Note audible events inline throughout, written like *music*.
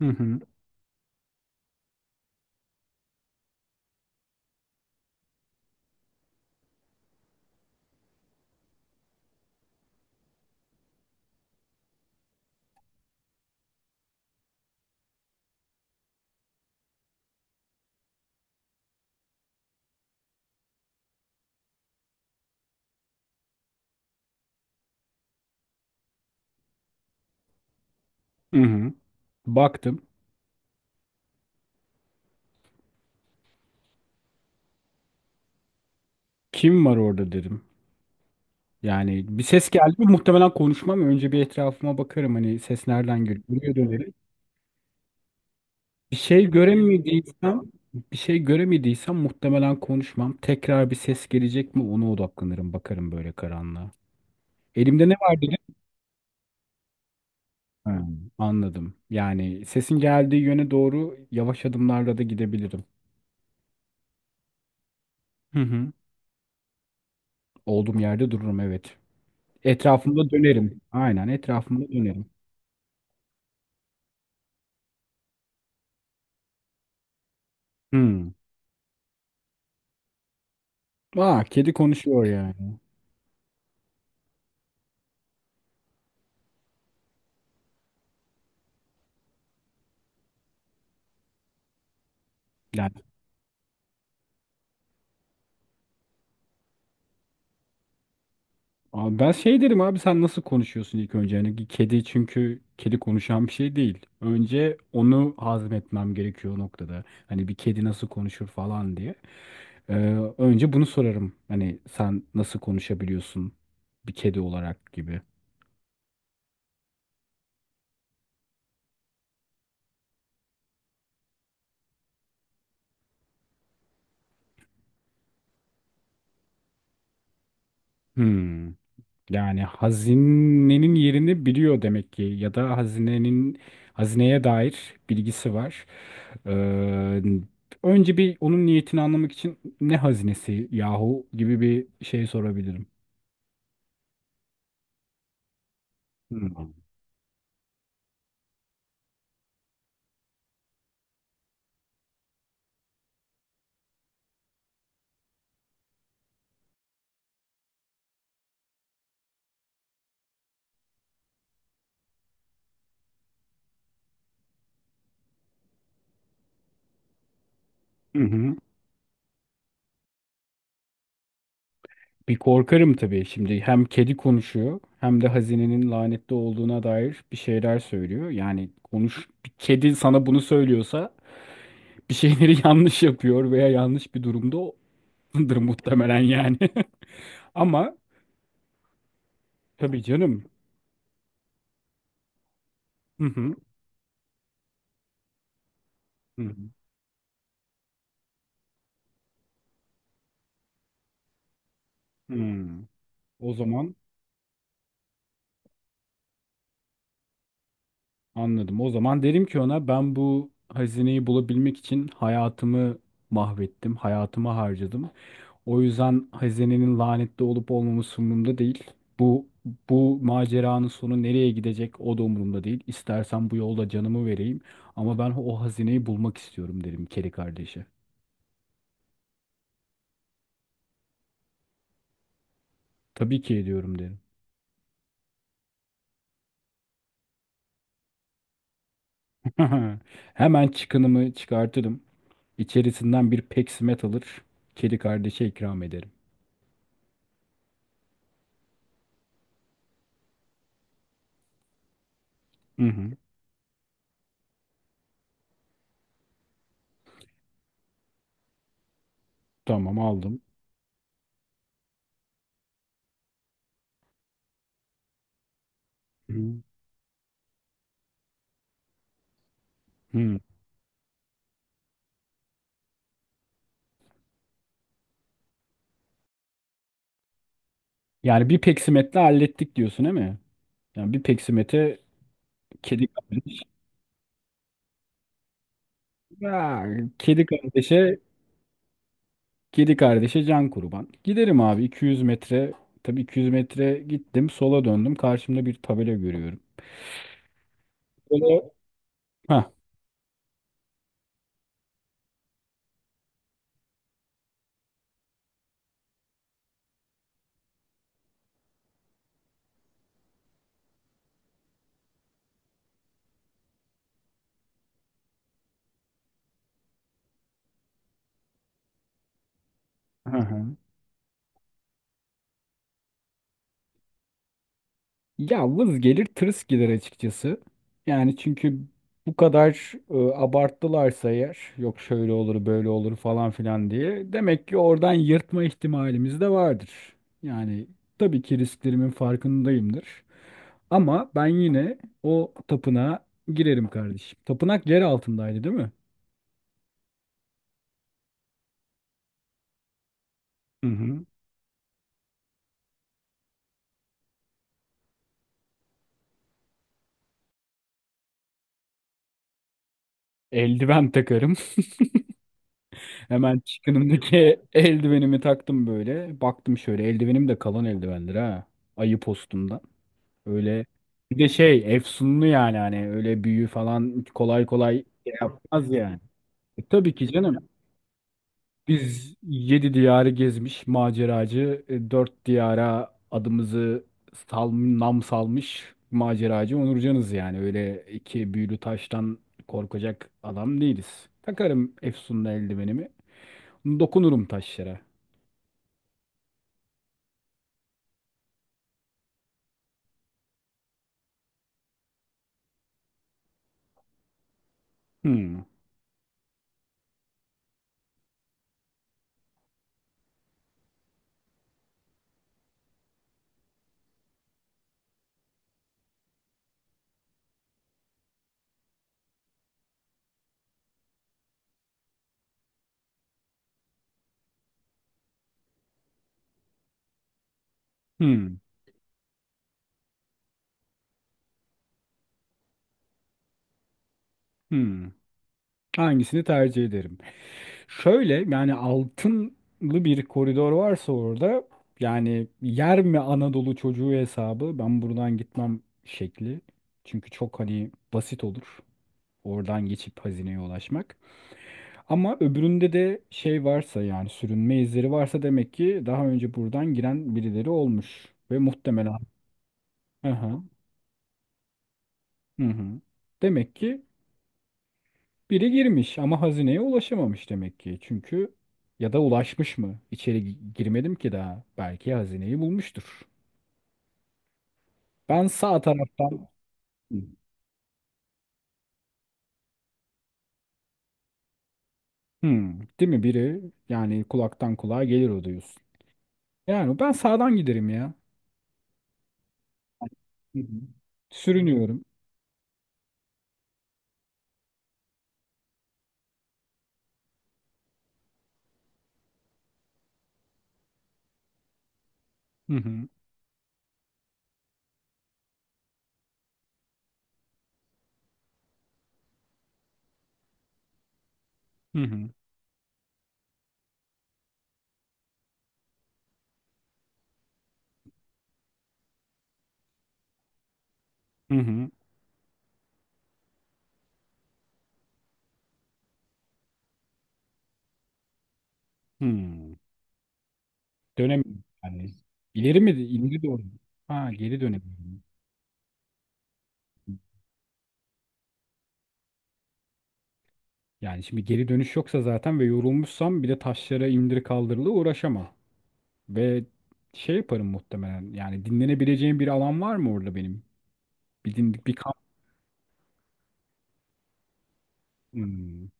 Hı hı. Hı hı. Baktım. Kim var orada dedim. Yani bir ses geldi mi muhtemelen konuşmam. Önce bir etrafıma bakarım hani ses nereden geliyor. Buraya dönerim. Bir şey göremediysem bir şey göremediysem muhtemelen konuşmam. Tekrar bir ses gelecek mi ona odaklanırım. Bakarım böyle karanlığa. Elimde ne var dedim. Ha, anladım. Yani sesin geldiği yöne doğru yavaş adımlarla da gidebilirim. Hı hı. Olduğum yerde dururum, evet. Etrafımda dönerim. Aynen etrafımda dönerim. Hı. Aa, kedi konuşuyor yani. Yani abi ben şey derim, abi sen nasıl konuşuyorsun ilk önce? Yani kedi, çünkü kedi konuşan bir şey değil. Önce onu hazmetmem gerekiyor o noktada. Hani bir kedi nasıl konuşur falan diye. Ee, Önce bunu sorarım. Hani sen nasıl konuşabiliyorsun bir kedi olarak gibi. Hmm. Yani hazinenin yerini biliyor demek ki, ya da hazineye dair bilgisi var. Ee, Önce bir onun niyetini anlamak için ne hazinesi yahu gibi bir şey sorabilirim. Hmm. Hı hı. Bir korkarım tabii, şimdi hem kedi konuşuyor hem de hazinenin lanetli olduğuna dair bir şeyler söylüyor. Yani konuş, bir kedi sana bunu söylüyorsa bir şeyleri *laughs* yanlış yapıyor veya yanlış bir durumda durumdadır muhtemelen yani. *laughs* Ama tabii canım. Hı hı. Hı hı. Hı. O zaman anladım. O zaman derim ki ona, ben bu hazineyi bulabilmek için hayatımı mahvettim, hayatımı harcadım. O yüzden hazinenin lanetli olup olmaması umurumda değil. Bu Bu maceranın sonu nereye gidecek o da umurumda değil. İstersen bu yolda canımı vereyim, ama ben o hazineyi bulmak istiyorum derim kedi kardeşe. Tabii ki ediyorum derim. *laughs* Hemen çıkınımı çıkartırım. İçerisinden bir peksimet alır. Kedi kardeşe ikram ederim. Hı hı. Tamam, aldım. Hı hı. Yani bir peksimetle hallettik diyorsun değil mi? Yani bir peksimete kedi kardeş. Ya, kedi kardeşe kedi kardeşe can kurban. Giderim abi 200 metre. Tabii 200 metre gittim. Sola döndüm. Karşımda bir tabela görüyorum. Böyle... Hah. Hı hı. Ya vız gelir tırıs gelir açıkçası. Yani çünkü bu kadar abarttılarsa eğer, yok şöyle olur böyle olur falan filan diye, demek ki oradan yırtma ihtimalimiz de vardır. Yani tabii ki risklerimin farkındayımdır. Ama ben yine o tapınağa girerim kardeşim. Tapınak yer altındaydı değil mi? Hı hı. Eldiven takarım. *laughs* Hemen çıkınımdaki eldivenimi taktım böyle. Baktım, şöyle eldivenim de kalın eldivendir ha. Ayı postumdan. Öyle bir de şey, efsunlu yani, hani öyle büyü falan kolay kolay şey yapmaz yani. Tabii ki canım. Biz yedi diyarı gezmiş maceracı, dört diyara adımızı nam salmış maceracı Onurcanız yani. Öyle iki büyülü taştan korkacak adam değiliz. Takarım efsunlu eldivenimi. Dokunurum taşlara. Hmm. Hmm. Hmm. Hangisini tercih ederim? Şöyle, yani altınlı bir koridor varsa orada, yani yer mi Anadolu çocuğu hesabı, ben buradan gitmem şekli. Çünkü çok hani basit olur oradan geçip hazineye ulaşmak. Ama öbüründe de şey varsa, yani sürünme izleri varsa, demek ki daha önce buradan giren birileri olmuş ve muhtemelen. Aha, hı hı. Hı. Demek ki biri girmiş ama hazineye ulaşamamış demek ki. Çünkü, ya da ulaşmış mı? İçeri girmedim ki daha. Belki hazineyi bulmuştur. Ben sağ taraftan. Hmm, değil mi biri? Yani kulaktan kulağa gelir o diyorsun. Yani ben sağdan giderim ya. Hı hı. Sürünüyorum. Hı hı. Hı hı. Hı hı. Hmm. Dönemiyorum. Yani ileri mi? İleri doğru mu? Ha, geri dönemiyorum. Yani şimdi geri dönüş yoksa zaten ve yorulmuşsam, bir de taşlara indir kaldırılı uğraşamam. Ve şey yaparım muhtemelen. Yani dinlenebileceğim bir alan var mı orada benim? Bir dindik bir kamp. Hmm.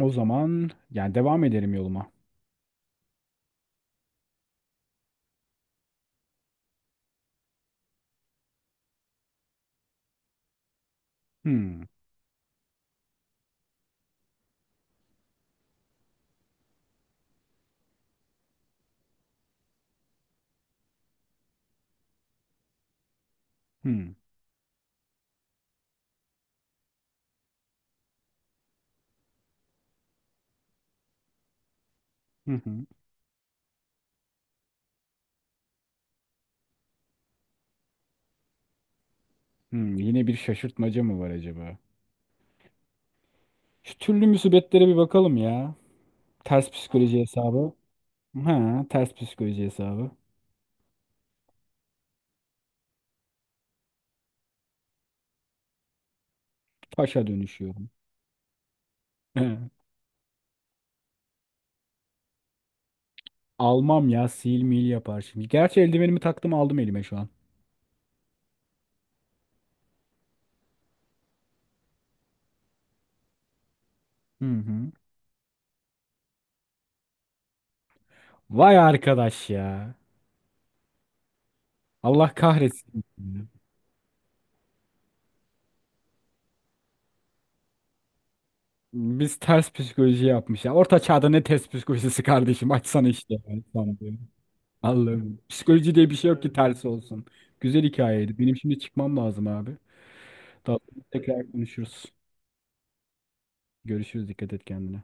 O zaman yani devam ederim yoluma. Hmm. Hmm. Hı hı. Hmm. Yine bir şaşırtmaca mı var acaba? Şu türlü musibetlere bir bakalım ya. Ters psikoloji hesabı. Ha, ters psikoloji hesabı. Paşa dönüşüyorum. He. Almam ya, sil mil yapar şimdi. Gerçi eldivenimi taktım, aldım elime şu an. Hı hı. Vay arkadaş ya. Allah kahretsin. Biz ters psikoloji yapmış ya. Orta çağda ne ters psikolojisi kardeşim? Açsana işte, yani sana diyorum. Allah'ım. Psikoloji diye bir şey yok ki evet, ters olsun. Güzel hikayeydi. Benim şimdi çıkmam lazım abi. Daha sonra tekrar konuşuruz. Görüşürüz. Dikkat et kendine.